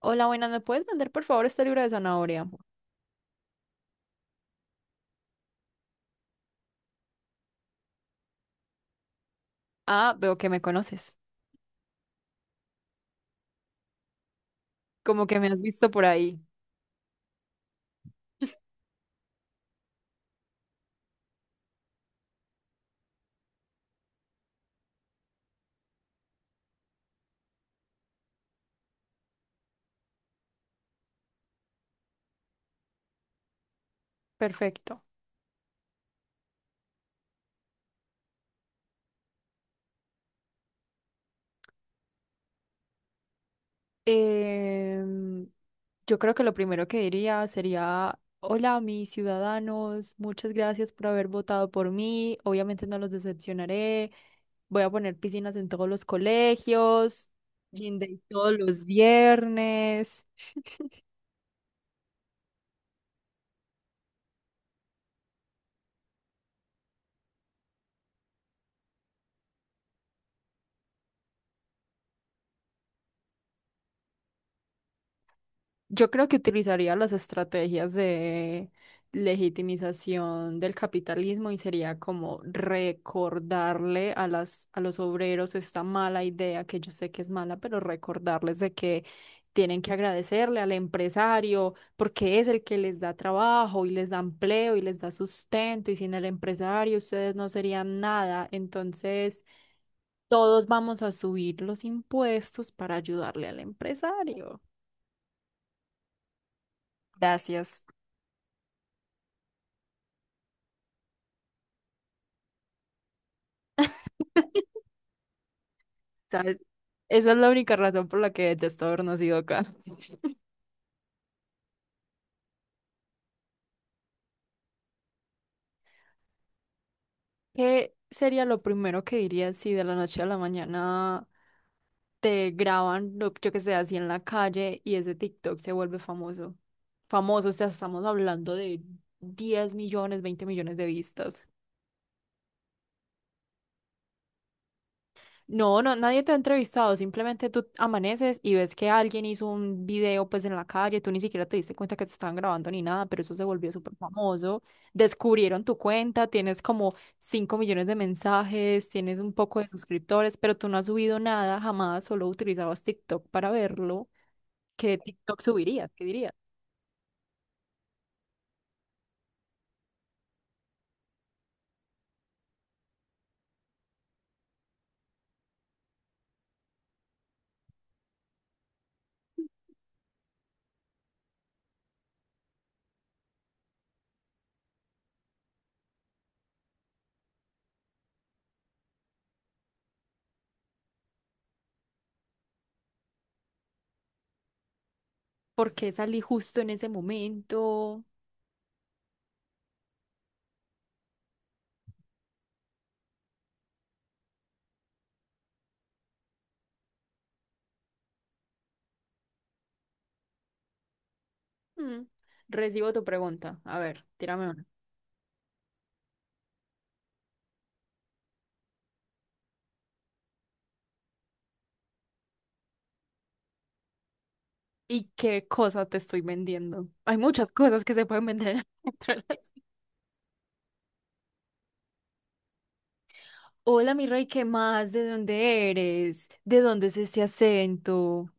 Hola, buenas, ¿me puedes vender por favor este libro de zanahoria? Ah, veo que me conoces, como que me has visto por ahí. Perfecto. Em, yo creo que lo primero que diría sería, hola, mis ciudadanos, muchas gracias por haber votado por mí, obviamente no los decepcionaré, voy a poner piscinas en todos los colegios, gym day todos los viernes. Yo creo que utilizaría las estrategias de legitimización del capitalismo y sería como recordarle a los obreros esta mala idea que yo sé que es mala, pero recordarles de que tienen que agradecerle al empresario porque es el que les da trabajo y les da empleo y les da sustento y sin el empresario ustedes no serían nada. Entonces todos vamos a subir los impuestos para ayudarle al empresario. Gracias. ¿Sabes? Esa es la única razón por la que detesto haber nacido acá. ¿Qué sería lo primero que dirías si de la noche a la mañana te graban, yo que sé, así en la calle y ese TikTok se vuelve famoso? Famoso, o sea, estamos hablando de 10 millones, 20 millones de vistas. No, no, nadie te ha entrevistado, simplemente tú amaneces y ves que alguien hizo un video pues en la calle, tú ni siquiera te diste cuenta que te estaban grabando ni nada, pero eso se volvió súper famoso, descubrieron tu cuenta, tienes como 5 millones de mensajes, tienes un poco de suscriptores, pero tú no has subido nada jamás, solo utilizabas TikTok para verlo. ¿Qué TikTok subirías? ¿Qué dirías? ¿Por qué salí justo en ese momento? Mm, recibo tu pregunta, a ver, tírame una. ¿Y qué cosa te estoy vendiendo? Hay muchas cosas que se pueden vender dentro de las- Hola, mi rey, ¿qué más? ¿De dónde eres? ¿De dónde es este acento?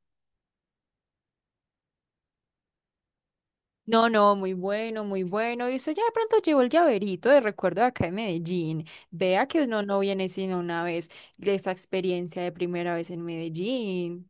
No, no, muy bueno, muy bueno. Y usted ya de pronto llevó el llaverito de recuerdo de acá de Medellín. Vea que uno no viene sino una vez. Esa experiencia de primera vez en Medellín.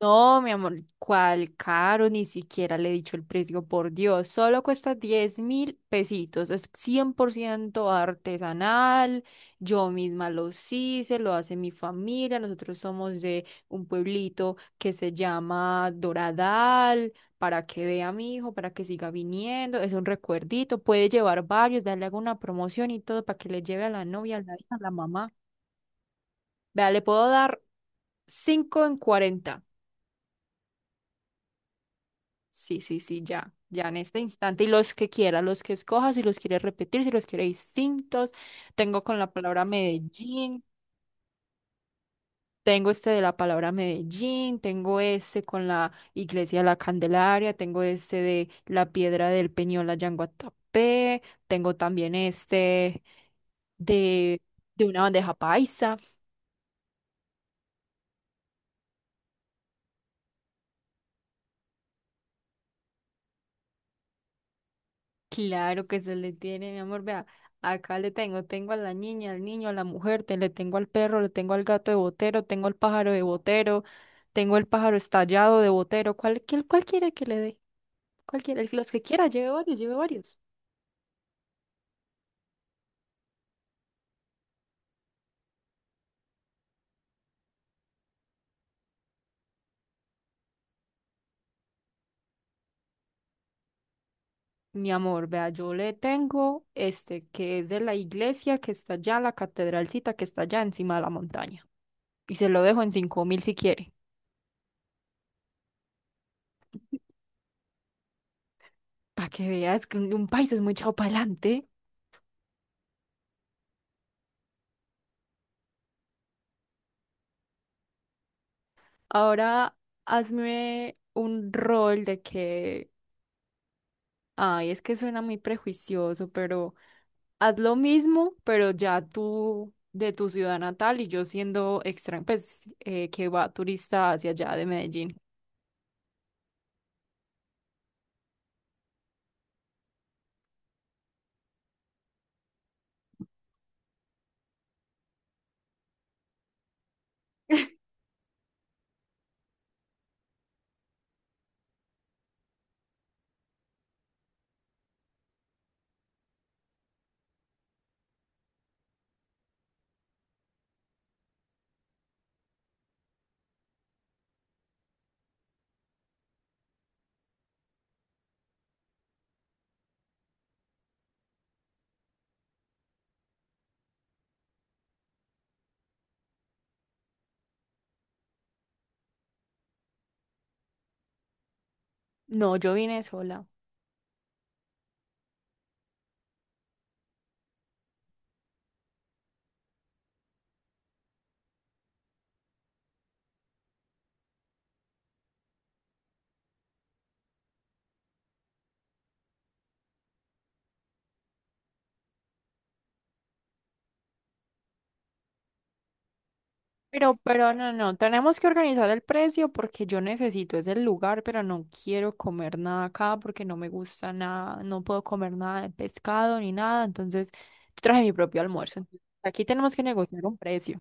No, mi amor, cuál caro, ni siquiera le he dicho el precio, por Dios, solo cuesta 10.000 pesitos, es 100% artesanal, yo misma lo hice, lo hace mi familia, nosotros somos de un pueblito que se llama Doradal, para que vea a mi hijo, para que siga viniendo, es un recuerdito, puede llevar varios, darle alguna promoción y todo para que le lleve a la novia, a la hija, a la mamá. Vea, le puedo dar 5 en 40. Sí, sí, sí, ya, ya en este instante. Y los que quiera, los que escoja, si los quiere repetir, si los quiere distintos. Tengo con la palabra Medellín, tengo este de la palabra Medellín, tengo este con la iglesia de la Candelaria, tengo este de la piedra del Peñol allá en Guatapé, tengo también este de, de una bandeja paisa. Claro que se le tiene, mi amor, vea, acá le tengo, tengo a la niña, al niño, a la mujer, te, le tengo al perro, le tengo al gato de Botero, tengo al pájaro de Botero, tengo el pájaro estallado de Botero, ¿cuál quiere que le dé? Cualquiera, los que quiera, lleve varios, lleve varios. Mi amor, vea, yo le tengo este que es de la iglesia que está allá, la catedralcita que está allá encima de la montaña. Y se lo dejo en 5.000 si quiere. Para que veas que un país es muy echado para adelante. Ahora hazme un rol de que, ay, es que suena muy prejuicioso, pero haz lo mismo, pero ya tú de tu ciudad natal y yo siendo extranjero, pues que va turista hacia allá de Medellín. No, yo vine sola. Pero no, no, tenemos que organizar el precio porque yo necesito ese lugar, pero no quiero comer nada acá porque no me gusta nada, no puedo comer nada de pescado ni nada, entonces yo traje mi propio almuerzo. Entonces, aquí tenemos que negociar un precio.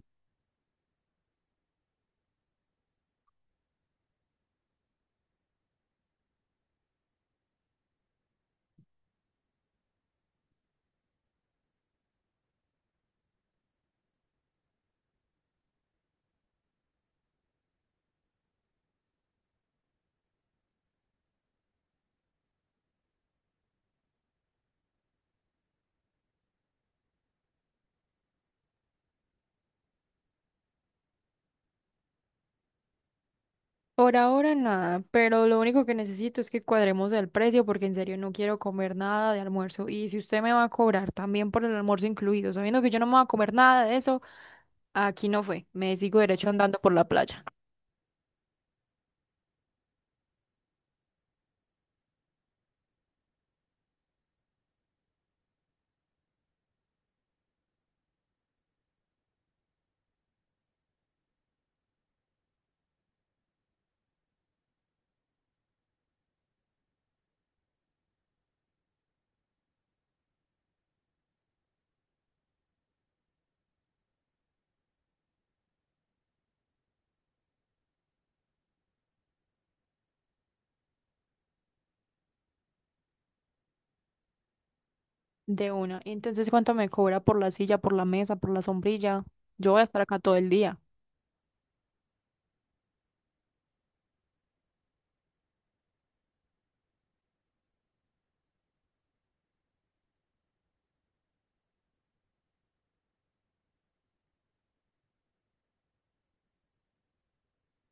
Por ahora nada, pero lo único que necesito es que cuadremos el precio porque en serio no quiero comer nada de almuerzo. Y si usted me va a cobrar también por el almuerzo incluido, sabiendo que yo no me voy a comer nada de eso, aquí no fue, me sigo derecho andando por la playa. De una. Y entonces, ¿cuánto me cobra por la silla, por la mesa, por la sombrilla? Yo voy a estar acá todo el día.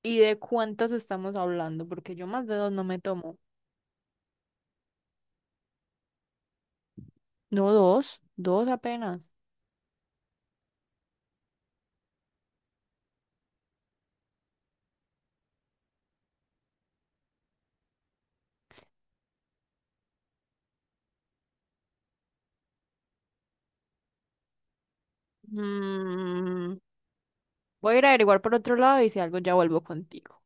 ¿Y de cuántas estamos hablando? Porque yo más de dos no me tomo. No, dos, dos apenas. Mm, voy a ir a averiguar por otro lado y si algo ya vuelvo contigo.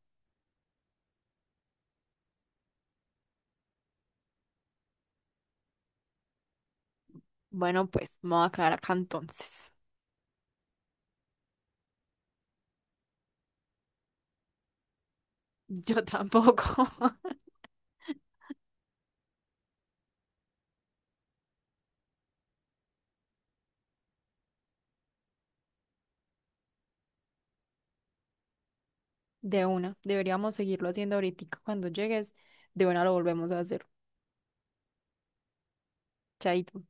Bueno, pues me voy a quedar acá entonces. Yo tampoco. De una. Deberíamos seguirlo haciendo ahorita. Cuando llegues, de una lo volvemos a hacer. Chaito.